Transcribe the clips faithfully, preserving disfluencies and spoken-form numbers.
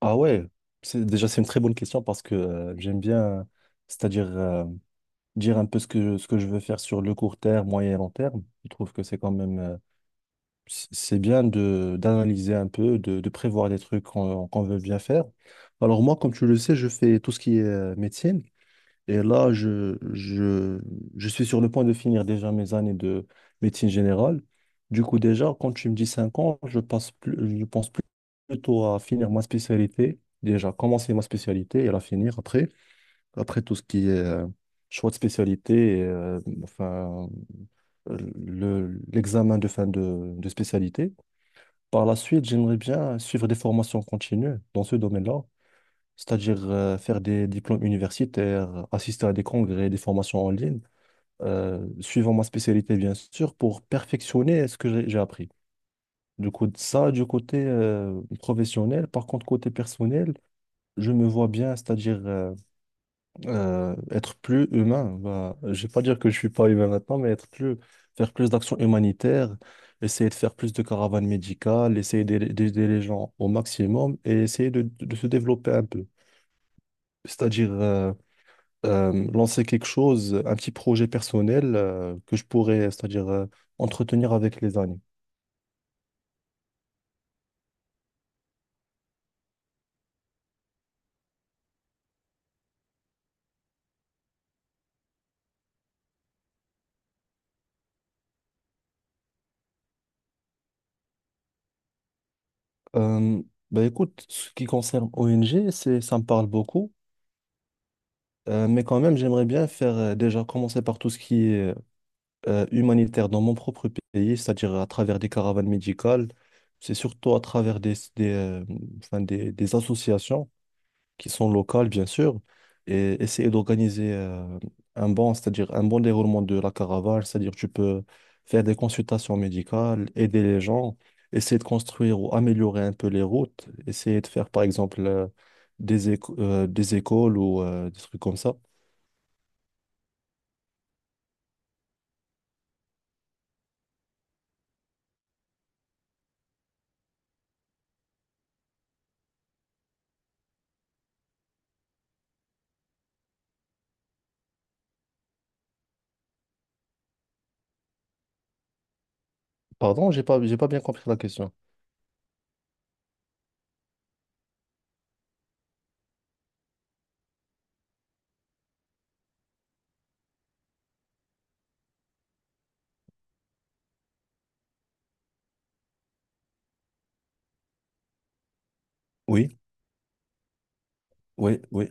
Ah ouais, c'est, déjà c'est une très bonne question parce que euh, j'aime bien, euh, c'est-à-dire euh, dire un peu ce que, ce que je veux faire sur le court terme, moyen et long terme. Je trouve que c'est quand même, euh, c- c'est bien de d'analyser un peu, de, de prévoir des trucs qu'on qu'on veut bien faire. Alors moi, comme tu le sais, je fais tout ce qui est euh, médecine. Et là, je, je, je suis sur le point de finir déjà mes années de médecine générale. Du coup, déjà, quand tu me dis cinq ans, je passe plus, je pense plutôt à finir ma spécialité. Déjà, commencer ma spécialité et la finir après. Après tout ce qui est euh, choix de spécialité, et, euh, enfin, euh, le, l'examen de fin de, de spécialité. Par la suite, j'aimerais bien suivre des formations continues dans ce domaine-là, c'est-à-dire euh, faire des diplômes universitaires, assister à des congrès, des formations en ligne, euh, suivant ma spécialité, bien sûr, pour perfectionner ce que j'ai j'ai appris. Du coup, ça, du côté euh, professionnel. Par contre, côté personnel, je me vois bien, c'est-à-dire euh, euh, être plus humain. Bah, je vais pas dire que je suis pas humain maintenant, mais être plus, faire plus d'actions humanitaires, essayer de faire plus de caravanes médicales, essayer d'aider d'aider les gens au maximum et essayer de de- se développer un peu. C'est-à-dire, euh, euh, lancer quelque chose, un petit projet personnel euh, que je pourrais, c'est-à-dire euh, entretenir avec les années. Euh, Bah écoute, ce qui concerne O N G, c'est, ça me parle beaucoup. Euh, mais quand même, j'aimerais bien faire euh, déjà commencer par tout ce qui est euh, humanitaire dans mon propre pays, c'est-à-dire à travers des caravanes médicales, c'est surtout à travers des, des, euh, enfin, des, des associations qui sont locales, bien sûr, et essayer d'organiser euh, un bon, c'est-à-dire un bon déroulement de la caravane, c'est-à-dire tu peux faire des consultations médicales, aider les gens, essayer de construire ou améliorer un peu les routes, essayer de faire, par exemple, euh, des éco- euh, des écoles ou euh, des trucs comme ça. Pardon, j'ai pas, j'ai pas bien compris la question. Oui. Oui, oui.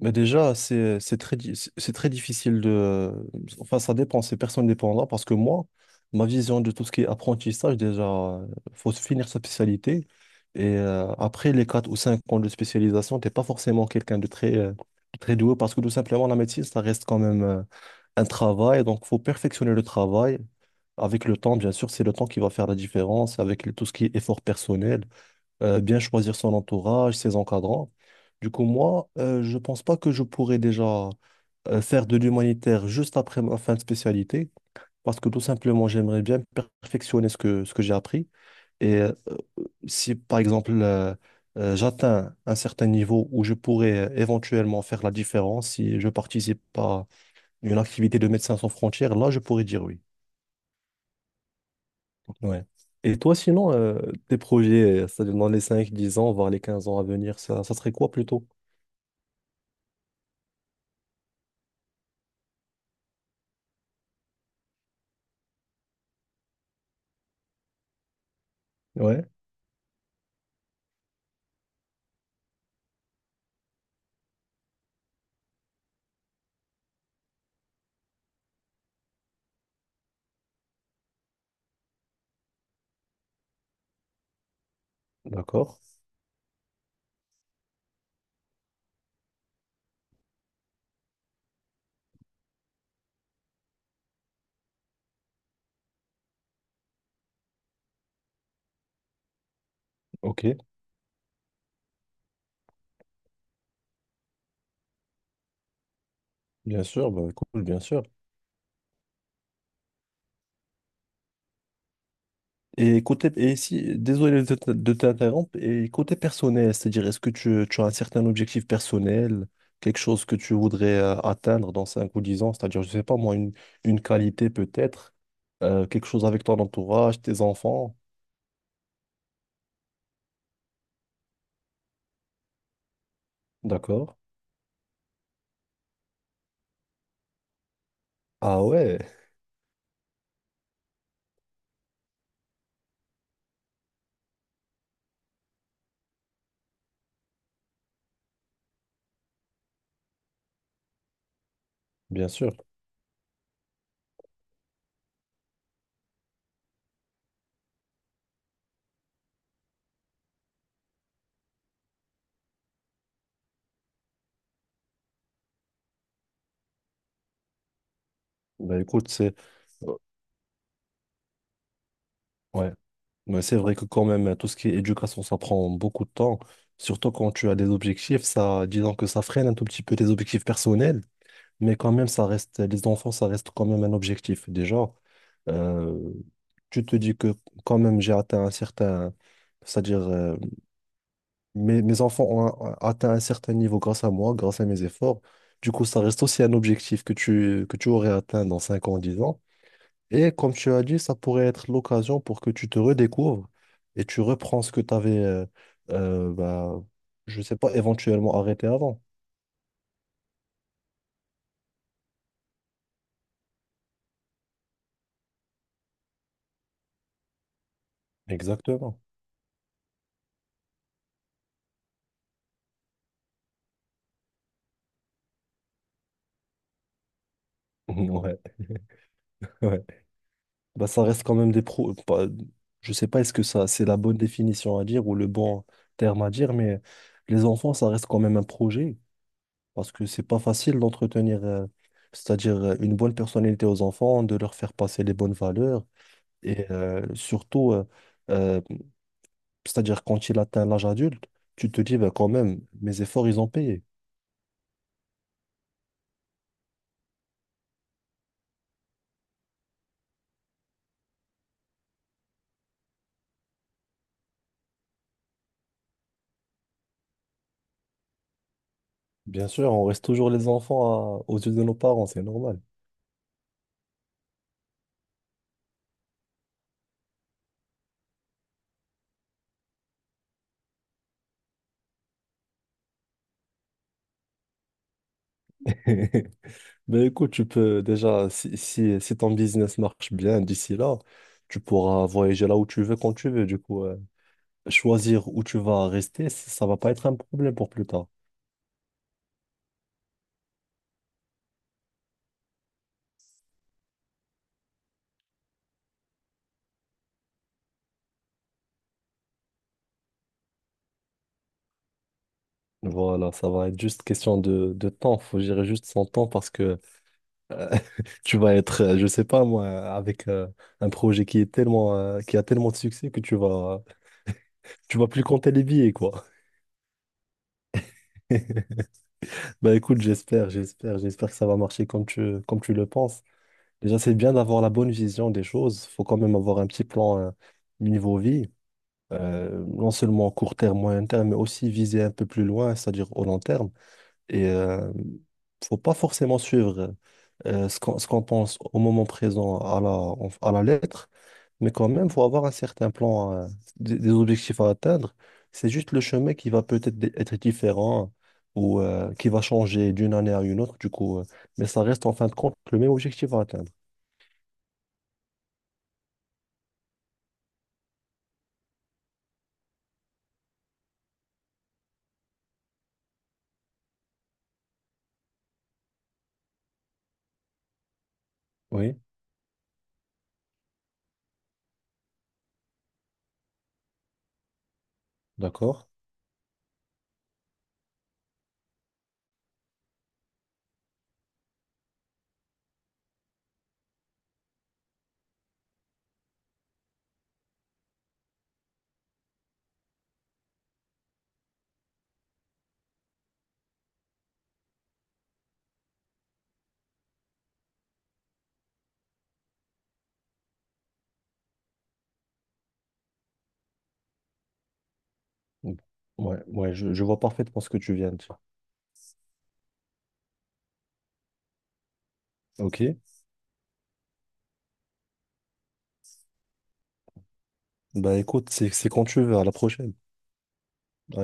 Mais déjà, c'est c'est très, di- c'est c'est très difficile de... Enfin, ça dépend, c'est personne dépendant parce que moi, ma vision de tout ce qui est apprentissage, déjà, euh, faut finir sa spécialité. Et euh, après les quatre ou cinq ans de spécialisation, t'es pas forcément quelqu'un de très, euh, très doué parce que tout simplement, la médecine, ça reste quand même euh, un travail. Donc, faut perfectionner le travail. Avec le temps, bien sûr, c'est le temps qui va faire la différence avec le- tout ce qui est effort personnel, euh, bien choisir son entourage, ses encadrants. Du coup, moi, euh, je pense pas que je pourrais déjà euh, faire de l'humanitaire juste après ma fin de spécialité, parce que tout simplement, j'aimerais bien perfectionner ce que, ce que j'ai appris. Et euh, si, par exemple, euh, euh, j'atteins un certain niveau où je pourrais euh, éventuellement faire la différence, si je participe à une activité de Médecins sans frontières, là, je pourrais dire oui. Ouais. Et toi, sinon, euh, tes projets, euh, c'est-à-dire dans les cinq dix ans, voire les quinze ans à venir, ça, ça serait quoi plutôt? Ouais, d'accord. Ok, bien sûr, bah, cool, bien sûr. Et côté, et si, désolé de t- de t'interrompre, et côté personnel, c'est-à-dire est-ce que tu, tu as un certain objectif personnel, quelque chose que tu voudrais euh, atteindre dans cinq ou dix ans, c'est-à-dire, je sais pas moi, une, une qualité peut-être, euh, quelque chose avec ton entourage, tes enfants, d'accord? Ah ouais, bien sûr. Bah écoute, c'est... Ouais. Ouais, c'est vrai que quand même, tout ce qui est éducation, ça prend beaucoup de temps. Surtout quand tu as des objectifs, ça, disons que ça freine un tout petit peu tes objectifs personnels, mais quand même, ça reste, les enfants, ça reste quand même un objectif. Déjà, euh, tu te dis que quand même, j'ai atteint un certain, c'est-à-dire, euh, mes, mes enfants ont un- atteint un certain niveau grâce à moi, grâce à mes efforts. Du coup, ça reste aussi un objectif que tu, que tu aurais atteint dans cinq ans, dix ans. Et comme tu as dit, ça pourrait être l'occasion pour que tu te redécouvres et tu reprends ce que tu avais, euh, euh, bah, je sais pas, éventuellement arrêté avant. Exactement. Ouais, ouais. Bah, ça reste quand même des pro. Pas- je sais pas est-ce que ça, c'est la bonne définition à dire ou le bon terme à dire, mais les enfants, ça reste quand même un projet parce que c'est pas facile d'entretenir, euh, c'est-à-dire euh, une bonne personnalité aux enfants, de leur faire passer les bonnes valeurs et euh, surtout, euh, euh, c'est-à-dire, quand il atteint l'âge adulte, tu te dis, ben, quand même, mes efforts, ils ont payé. Bien sûr, on reste toujours les enfants à- aux yeux de nos parents, c'est normal. Ben écoute, tu peux déjà, si, si, si ton business marche bien d'ici là, tu pourras voyager là où tu veux, quand tu veux. Du coup, euh, choisir où tu vas rester, ça ça va pas être un problème pour plus tard. Voilà, ça va être juste question de, de temps. Faut gérer juste son temps parce que Euh, tu vas être, euh, je sais pas moi, avec euh, un projet qui est tellement, euh, qui a tellement de succès que tu vas, tu vas plus compter les billets, quoi. Bah écoute, j'espère, j'espère, j'espère que ça va marcher comme tu, comme tu le penses. Déjà, c'est bien d'avoir la bonne vision des choses. Faut quand même avoir un petit plan euh, niveau vie, euh, non seulement court terme, moyen terme, mais aussi viser un peu plus loin, c'est-à-dire au long terme. Et euh, faut pas forcément suivre euh, ce qu'on ce qu'on pense au moment présent à la, en- à la lettre, mais quand même, faut avoir un certain plan, euh, des, des objectifs à atteindre. C'est juste le chemin qui va peut-être dé- être différent ou euh, qui va changer d'une année à une autre, du coup, euh, mais ça reste en fin de compte le même objectif à atteindre. Oui, d'accord. Mm. Ouais, ouais, je, je vois parfaitement ce que tu viens de dire. Ok. Bah écoute, c'est c'est quand tu veux, à la prochaine.